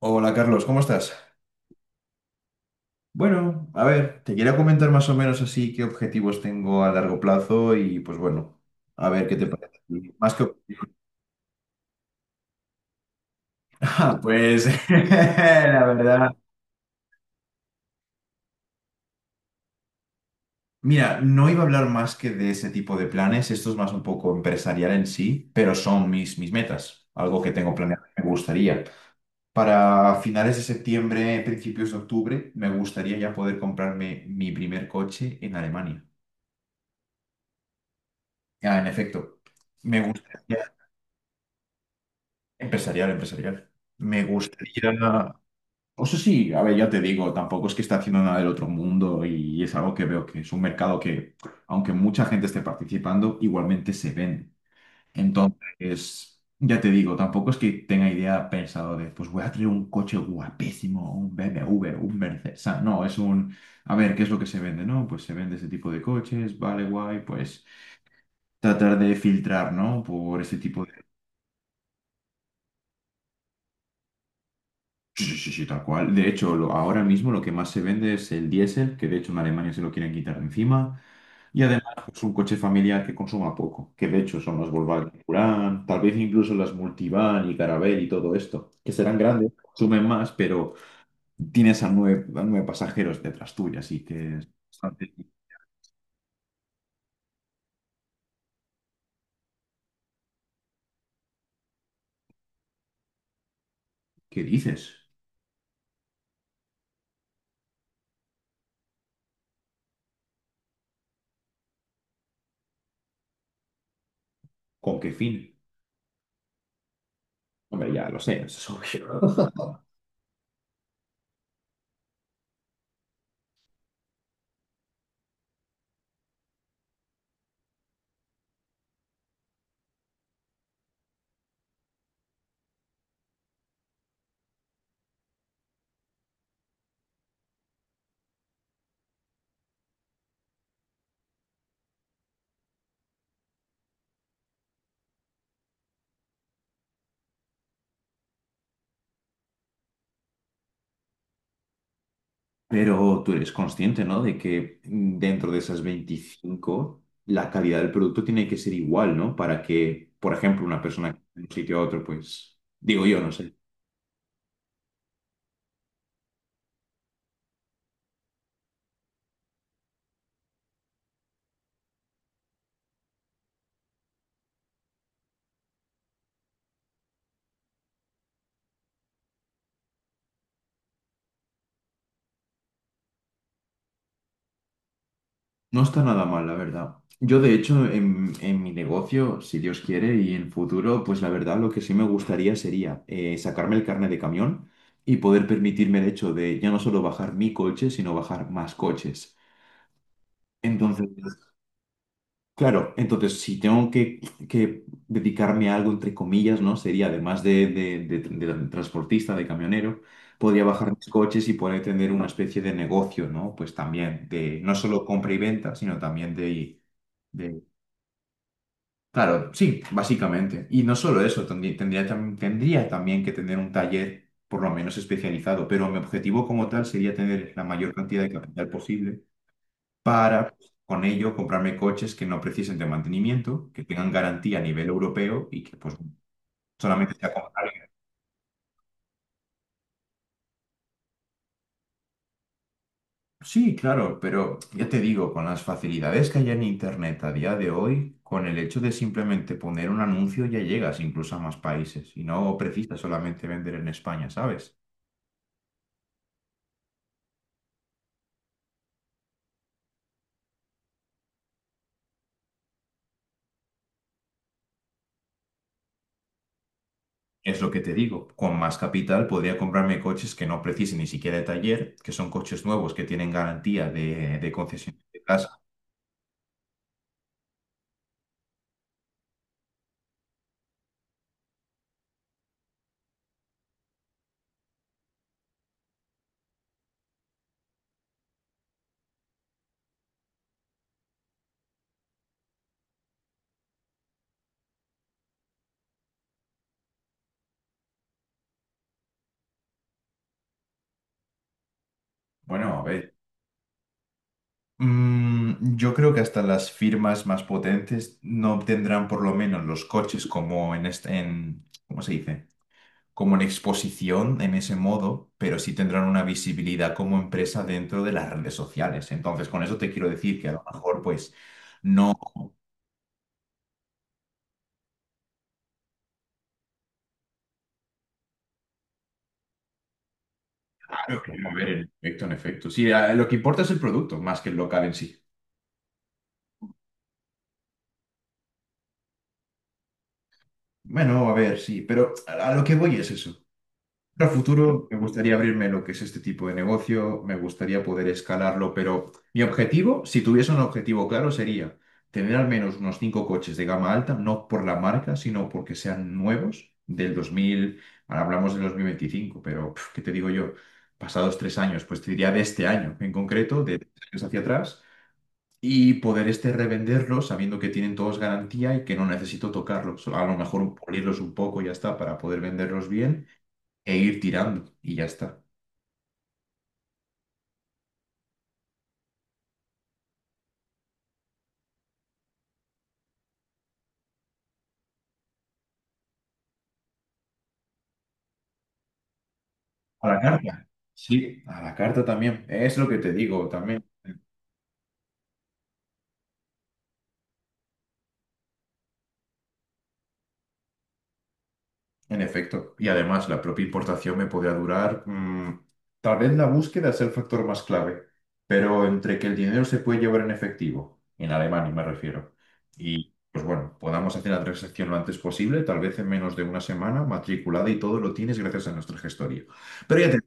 Hola Carlos, ¿cómo estás? Bueno, a ver, te quería comentar más o menos así qué objetivos tengo a largo plazo y pues bueno, a ver qué te parece. Más que. Ah, pues la verdad. Mira, no iba a hablar más que de ese tipo de planes, esto es más un poco empresarial en sí, pero son mis metas, algo que tengo planeado y me gustaría. Para finales de septiembre, principios de octubre, me gustaría ya poder comprarme mi primer coche en Alemania. Ah, en efecto, me gustaría. Empresarial, empresarial. Me gustaría. O sea, sí, a ver, ya te digo, tampoco es que esté haciendo nada del otro mundo y es algo que veo que es un mercado que, aunque mucha gente esté participando, igualmente se vende. Entonces, ya te digo, tampoco es que tenga idea pensado de, pues voy a traer un coche guapísimo, un BMW, un Mercedes. O sea, no, es un, a ver, ¿qué es lo que se vende? No, pues se vende ese tipo de coches, vale, guay, pues tratar de filtrar, ¿no? Por ese tipo. Sí, sí, sí, sí, tal cual. De hecho, ahora mismo lo que más se vende es el diésel, que de hecho en Alemania se lo quieren quitar de encima. Y además es un coche familiar que consuma poco, que de hecho son las Volkswagen Touran, tal vez incluso las Multivan y Caravelle y todo esto, que serán grandes, consumen más, pero tienes a nueve pasajeros detrás tuya, así que es bastante- ¿Qué dices? ¿Con qué fin? Hombre, ya lo sé, eso es obvio. Pero tú eres consciente, ¿no? De que dentro de esas 25 la calidad del producto tiene que ser igual, ¿no? Para que, por ejemplo, una persona que de un sitio a otro, pues, digo yo, no sé. No está nada mal, la verdad. Yo, de hecho, en mi negocio, si Dios quiere, y en futuro, pues la verdad, lo que sí me gustaría sería sacarme el carnet de camión y poder permitirme el hecho de ya no solo bajar mi coche, sino bajar más coches. Entonces, claro, entonces si tengo que dedicarme a algo, entre comillas, ¿no? Sería, además de transportista, de camionero, podría bajar mis coches y poder tener una especie de negocio, ¿no? Pues también de no solo compra y venta, sino también de. Claro, sí, básicamente. Y no solo eso, tendría también que tener un taller por lo menos especializado, pero mi objetivo como tal sería tener la mayor cantidad de capital posible para pues, con ello comprarme coches que no precisen de mantenimiento, que tengan garantía a nivel europeo y que pues solamente sea comprable. Sí, claro, pero ya te digo, con las facilidades que hay en Internet a día de hoy, con el hecho de simplemente poner un anuncio ya llegas incluso a más países y no precisas solamente vender en España, ¿sabes? Es lo que te digo, con más capital podría comprarme coches que no precisen ni siquiera de taller, que son coches nuevos que tienen garantía de concesión de casa. Bueno, a ver. Yo creo que hasta las firmas más potentes no obtendrán por lo menos los coches como en este, en, ¿cómo se dice? Como en exposición en ese modo, pero sí tendrán una visibilidad como empresa dentro de las redes sociales. Entonces, con eso te quiero decir que a lo mejor, pues, no. Claro, que va a promover. Haber el efecto en efecto. Sí, a- lo que importa es el producto más que el local en sí. Bueno, a ver, sí, pero a lo que voy es eso. A futuro me gustaría abrirme lo que es este tipo de negocio, me gustaría poder escalarlo, pero mi objetivo, si tuviese un objetivo claro, sería tener al menos unos cinco coches de gama alta, no por la marca, sino porque sean nuevos del 2000, ahora hablamos del 2025, pero pf, ¿qué te digo yo? Pasados 3 años, pues te diría de este año en concreto, de 3 años hacia atrás, y poder este revenderlos sabiendo que tienen todos garantía y que no necesito tocarlos, a lo mejor pulirlos un poco y ya está para poder venderlos bien e ir tirando y ya está. A la carta. Sí, a la carta también. Es lo que te digo también, en efecto. Y además, la propia importación me podría durar. Tal vez la búsqueda es el factor más clave, pero entre que el dinero se puede llevar en efectivo, en Alemania me refiero, y pues bueno, podamos hacer la transacción lo antes posible, tal vez en menos de una semana, matriculada y todo lo tienes gracias a nuestra gestoría. Pero ya te.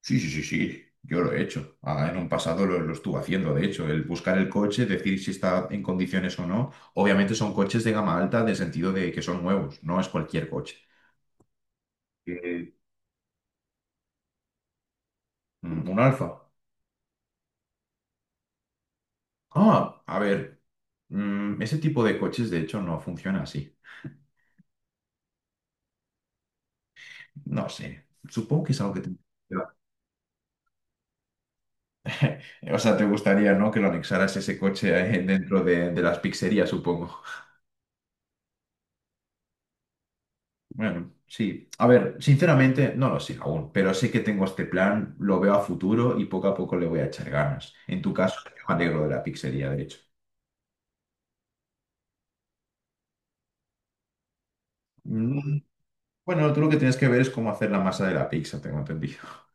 Sí, sí, sí, sí, yo lo he hecho. Ah, en un pasado lo estuve haciendo, de hecho, el buscar el coche, decir si está en condiciones o no. Obviamente son coches de gama alta, de sentido de que son nuevos, no es cualquier coche. Eh, un Alfa. Ah, a ver, ese tipo de coches de hecho no funciona así. No sé, supongo que es algo que te- O sea, te gustaría, ¿no? Que lo anexaras ese coche dentro de las pizzerías, supongo. Bueno, sí. A ver, sinceramente no lo sé aún, pero sé que tengo este plan, lo veo a futuro y poco a poco le voy a echar ganas. En tu caso, yo me alegro de la pizzería, de hecho. Mm, Bueno, tú lo que tienes que ver es cómo hacer la masa de la pizza, tengo entendido.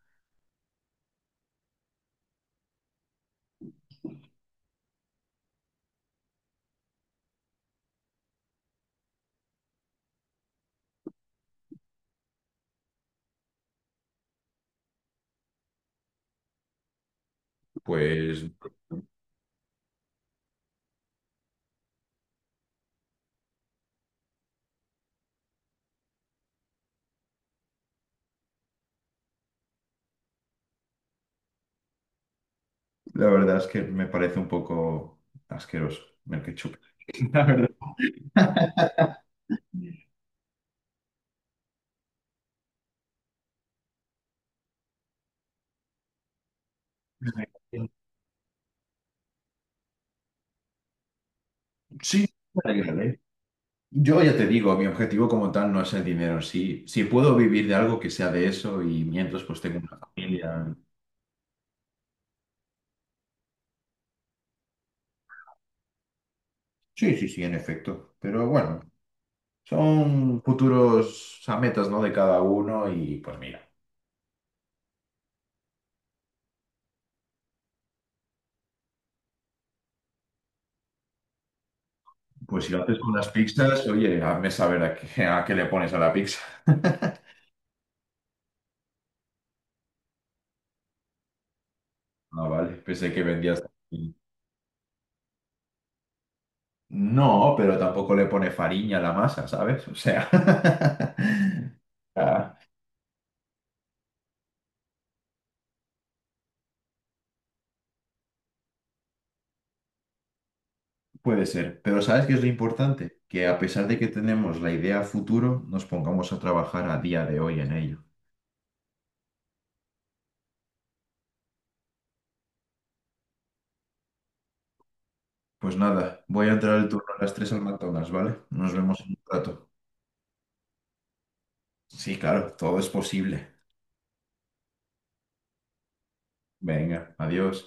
Pues la verdad es que me parece un poco asqueroso el ketchup. La verdad. Sí, me alegra, ¿eh? Yo ya te digo, mi objetivo como tal no es el dinero en sí. Si puedo vivir de algo que sea de eso y mientras pues tengo una familia. Sí, sí, sí, en efecto. Pero bueno, son futuros a metas, ¿no? De cada uno y pues mira, pues si lo haces con unas pizzas, oye, hazme saber a qué le pones a la pizza. Ah, vale, pensé que vendías. No, pero tampoco le pone fariña a la masa, ¿sabes? O sea, ah, puede ser. Pero ¿sabes qué es lo importante? Que a pesar de que tenemos la idea a futuro, nos pongamos a trabajar a día de hoy en ello. Pues nada, voy a entrar al turno a las 3 al McDonald's, ¿vale? Nos vemos en un rato. Sí, claro, todo es posible. Venga, adiós.